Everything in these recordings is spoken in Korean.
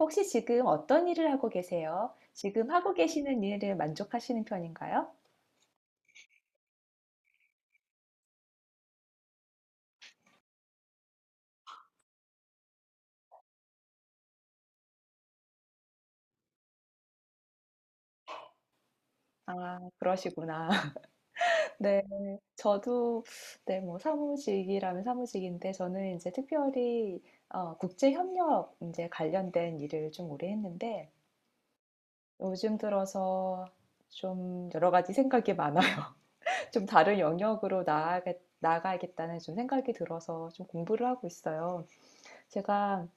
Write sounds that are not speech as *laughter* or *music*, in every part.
혹시 지금 어떤 일을 하고 계세요? 지금 하고 계시는 일을 만족하시는 편인가요? 아 그러시구나. *laughs* 네. 저도. 네, 뭐 사무직이라면 사무직인데 저는 이제 특별히 국제 협력 이제 관련된 일을 좀 오래 했는데 요즘 들어서 좀 여러 가지 생각이 많아요. *laughs* 좀 다른 영역으로 나아가야겠다는 좀 생각이 들어서 좀 공부를 하고 있어요. 제가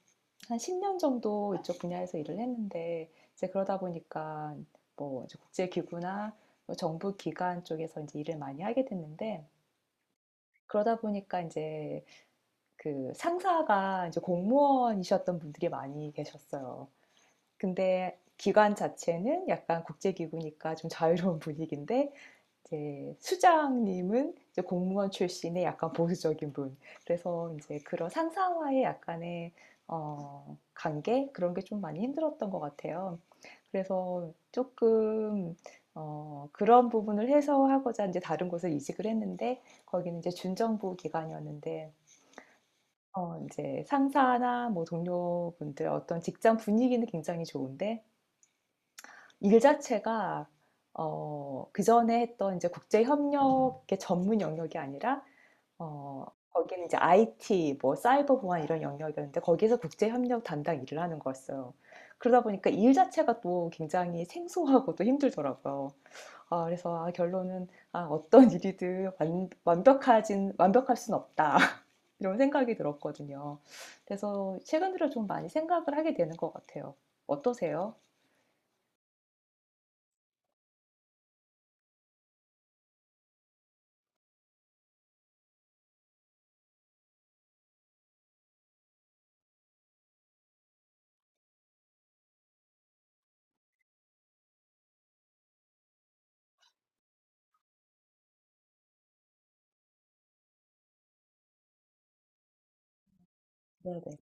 한 10년 정도 이쪽 분야에서 일을 했는데 이제 그러다 보니까 뭐 이제 국제기구나 뭐 정부 기관 쪽에서 이제 일을 많이 하게 됐는데 그러다 보니까 이제 그 상사가 이제 공무원이셨던 분들이 많이 계셨어요. 근데 기관 자체는 약간 국제기구니까 좀 자유로운 *laughs* 분위기인데 이제 수장님은 이제 공무원 출신의 약간 보수적인 분. 그래서 이제 그런 상사와의 약간의 관계 그런 게 좀 많이 힘들었던 것 같아요. 그래서 조금 그런 부분을 해소하고자 이제 다른 곳을 이직을 했는데 거기는 이제 준정부 기관이었는데 이제 상사나 뭐 동료분들 어떤 직장 분위기는 굉장히 좋은데 일 자체가 그전에 했던 이제 국제 협력의 전문 영역이 아니라 어 거기는 이제 IT 뭐 사이버 보안 이런 영역이었는데 거기에서 국제 협력 담당 일을 하는 거였어요. 그러다 보니까 일 자체가 또 굉장히 생소하고 또 힘들더라고요. 아 그래서 아 결론은 아 어떤 일이든 완 완벽하진 완벽할 순 없다. *laughs* 이런 생각이 들었거든요. 그래서 최근 들어 좀 많이 생각을 하게 되는 것 같아요. 어떠세요? 네네.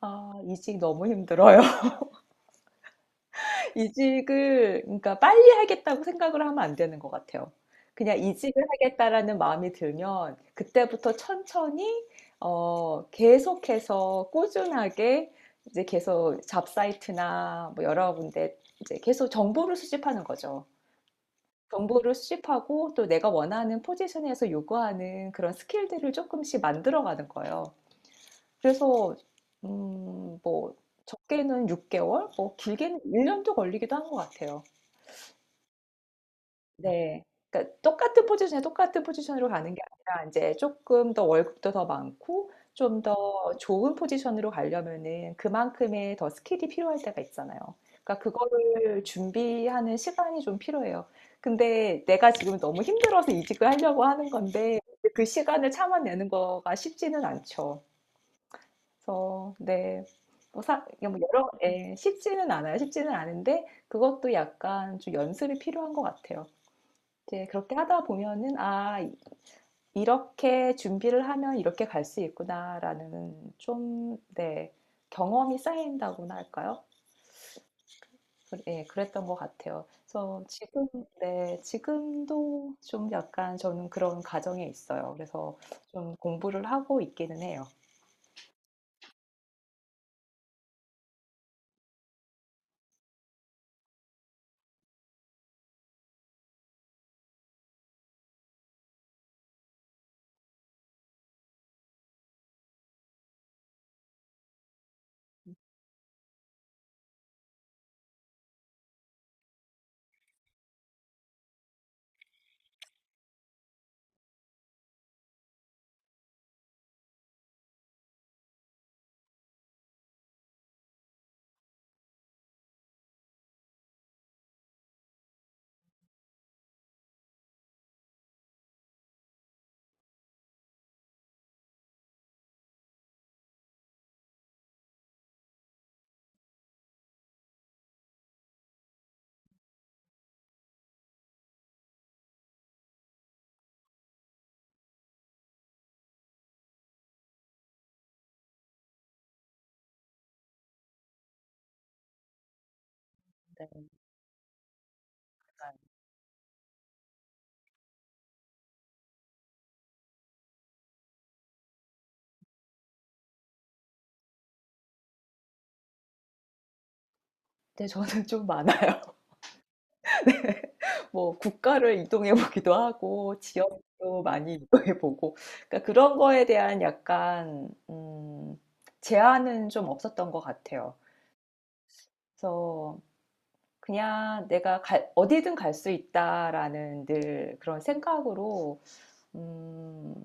아 이직 너무 힘들어요. *laughs* 이직을 그러니까 빨리 하겠다고 생각을 하면 안 되는 것 같아요. 그냥 '이직을 하겠다.'라는 마음이 들면 그때부터 천천히 계속해서 꾸준하게 이제 계속 잡사이트나 뭐 여러 군데 이제 계속 정보를 수집하는 거죠. 정보를 수집하고 또 내가 원하는 포지션에서 요구하는 그런 스킬들을 조금씩 만들어 가는 거예요. 그래서 뭐 적게는 6개월, 뭐 길게는 일 년도 걸리기도 한 것 같아요. 네. 그러니까 똑같은 포지션에 똑같은 포지션으로 가는 게 아니라 이제 조금 더 월급도 더 많고 좀 더 좋은 포지션으로 가려면은 그만큼의 더 스킬이 필요할 때가 있잖아요. 그러니까 그거를 준비하는 시간이 좀 필요해요. 근데 내가 지금 너무 힘들어서 이직을 하려고 하는 건데 그 시간을 참아내는 거가 쉽지는 않죠. 그래서 네. 뭐 사 여 뭐 여러 예, 쉽지는 않아요. 쉽지는 않은데 그것도 약간 좀 연습이 필요한 것 같아요. 이제 그렇게 하다 보면은 '아 이 이렇게 준비를 하면 이렇게 갈 수 있구나.'라는 좀, 네, 경험이 쌓인다고나 할까요? 그, 예, 그랬던 것 같아요. 그래서 지금, 네, 지금도 좀 약간 저는 그런 과정에 있어요. 그래서 좀 공부를 하고 있기는 해요. 네. 근데 저는 좀 많아요. *laughs* 뭐 국가를 이동해 보기도 하고 지역도 많이 이동해 보고 그러니까 그런 거에 대한 약간 제한은 좀 없었던 것 같아요. 그래서 그냥 내가 어디든 갈 수 있다라는 늘 그런 생각으로 음,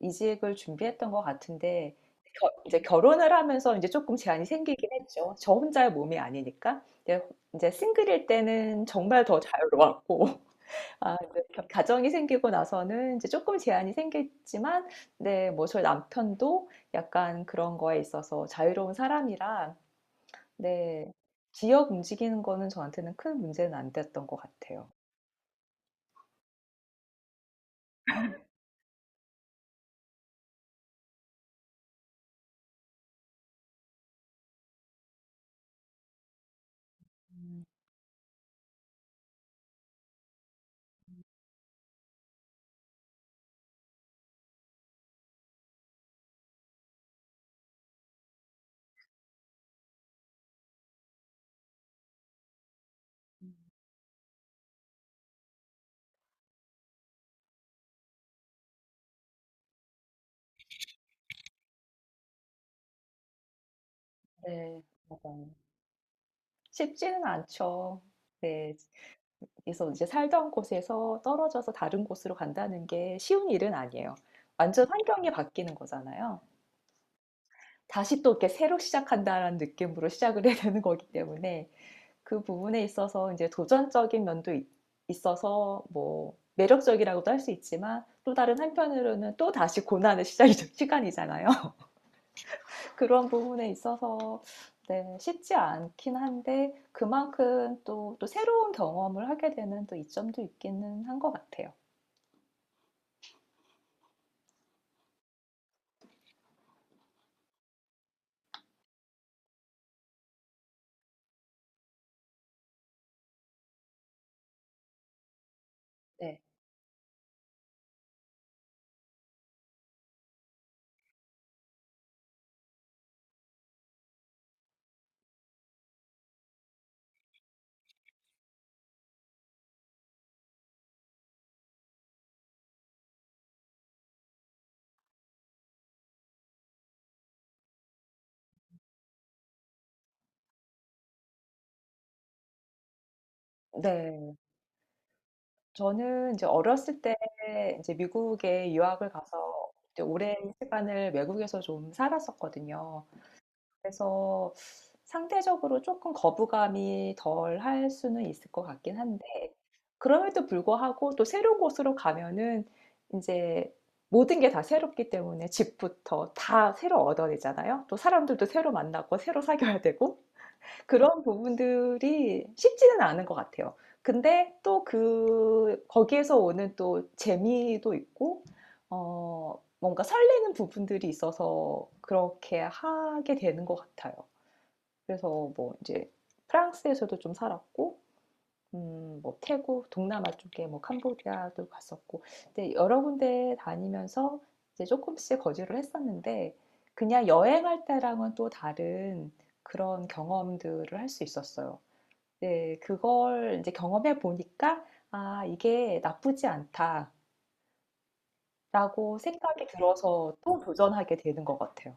이직을 준비했던 것 같은데 이제 결혼을 하면서 이제 조금 제한이 생기긴 했죠. 저 혼자의 몸이 아니니까. 이제, 이제 싱글일 때는 정말 더 자유로웠고 아 이제 겨 가정이 생기고 나서는 이제 조금 제한이 생겼지만, 네, 뭐 저희 남편도 약간 그런 거에 있어서 자유로운 사람이라, 네, 지역 움직이는 거는 저한테는 큰 문제는 안 됐던 것 같아요. 네. 맞아요. 쉽지는 않죠. 네. 그래서 이제 살던 곳에서 떨어져서 다른 곳으로 간다는 게 쉬운 일은 아니에요. 완전 환경이 바뀌는 거잖아요. 다시 또 이렇게 새로 시작한다라는 느낌으로 시작을 해야 되는 거기 때문에 그 부분에 있어서 이제 도전적인 면도 있어서 뭐 매력적이라고도 할 수 있지만 또 다른 한편으로는 또 다시 고난의 시작이 시간이잖아요. *laughs* 그런 부분에 있어서 네, 쉽지 않긴 한데 그만큼 또, 또 새로운 경험을 하게 되는 또 이점도 있기는 한 것 같아요. 네. 네. 저는 이제 어렸을 때 이제 미국에 유학을 가서 이제 오랜 시간을 외국에서 좀 살았었거든요. 그래서 상대적으로 조금 거부감이 덜 할 수는 있을 것 같긴 한데 그럼에도 불구하고 또 새로운 곳으로 가면은 인제 모든 게 다 새롭기 때문에 집부터 다 새로 얻어내잖아요. 또 사람들도 새로 만나고 새로 사귀어야 되고. 그런 부분들이 쉽지는 않은 것 같아요. 근데 또 그, 거기에서 오는 또 재미도 있고, 뭔가 설레는 부분들이 있어서 그렇게 하게 되는 것 같아요. 그래서 뭐 이제 프랑스에서도 좀 살았고, 뭐 태국, 동남아 쪽에 뭐 캄보디아도 갔었고, 근데 여러 군데 다니면서 이제 조금씩 거주를 했었는데, 그냥 여행할 때랑은 또 다른 그런 경험들을 할 수 있었어요. 네. 그걸 이제 경험해 보니까 '아 이게 나쁘지 않다.'라고 생각이 들어서 또 도전하게 되는 것 같아요.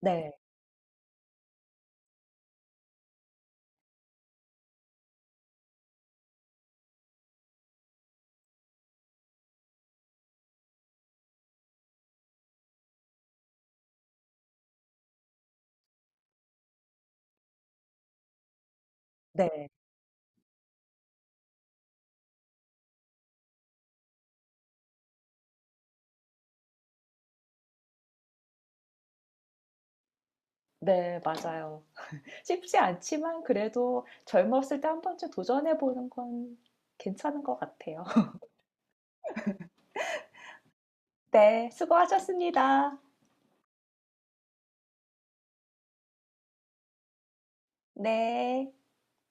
네. 네. 네. 맞아요. 쉽지 않지만 그래도 젊었을 때 한 번쯤 도전해 보는 건 괜찮은 것 같아요. *laughs* 네. 수고하셨습니다. 네.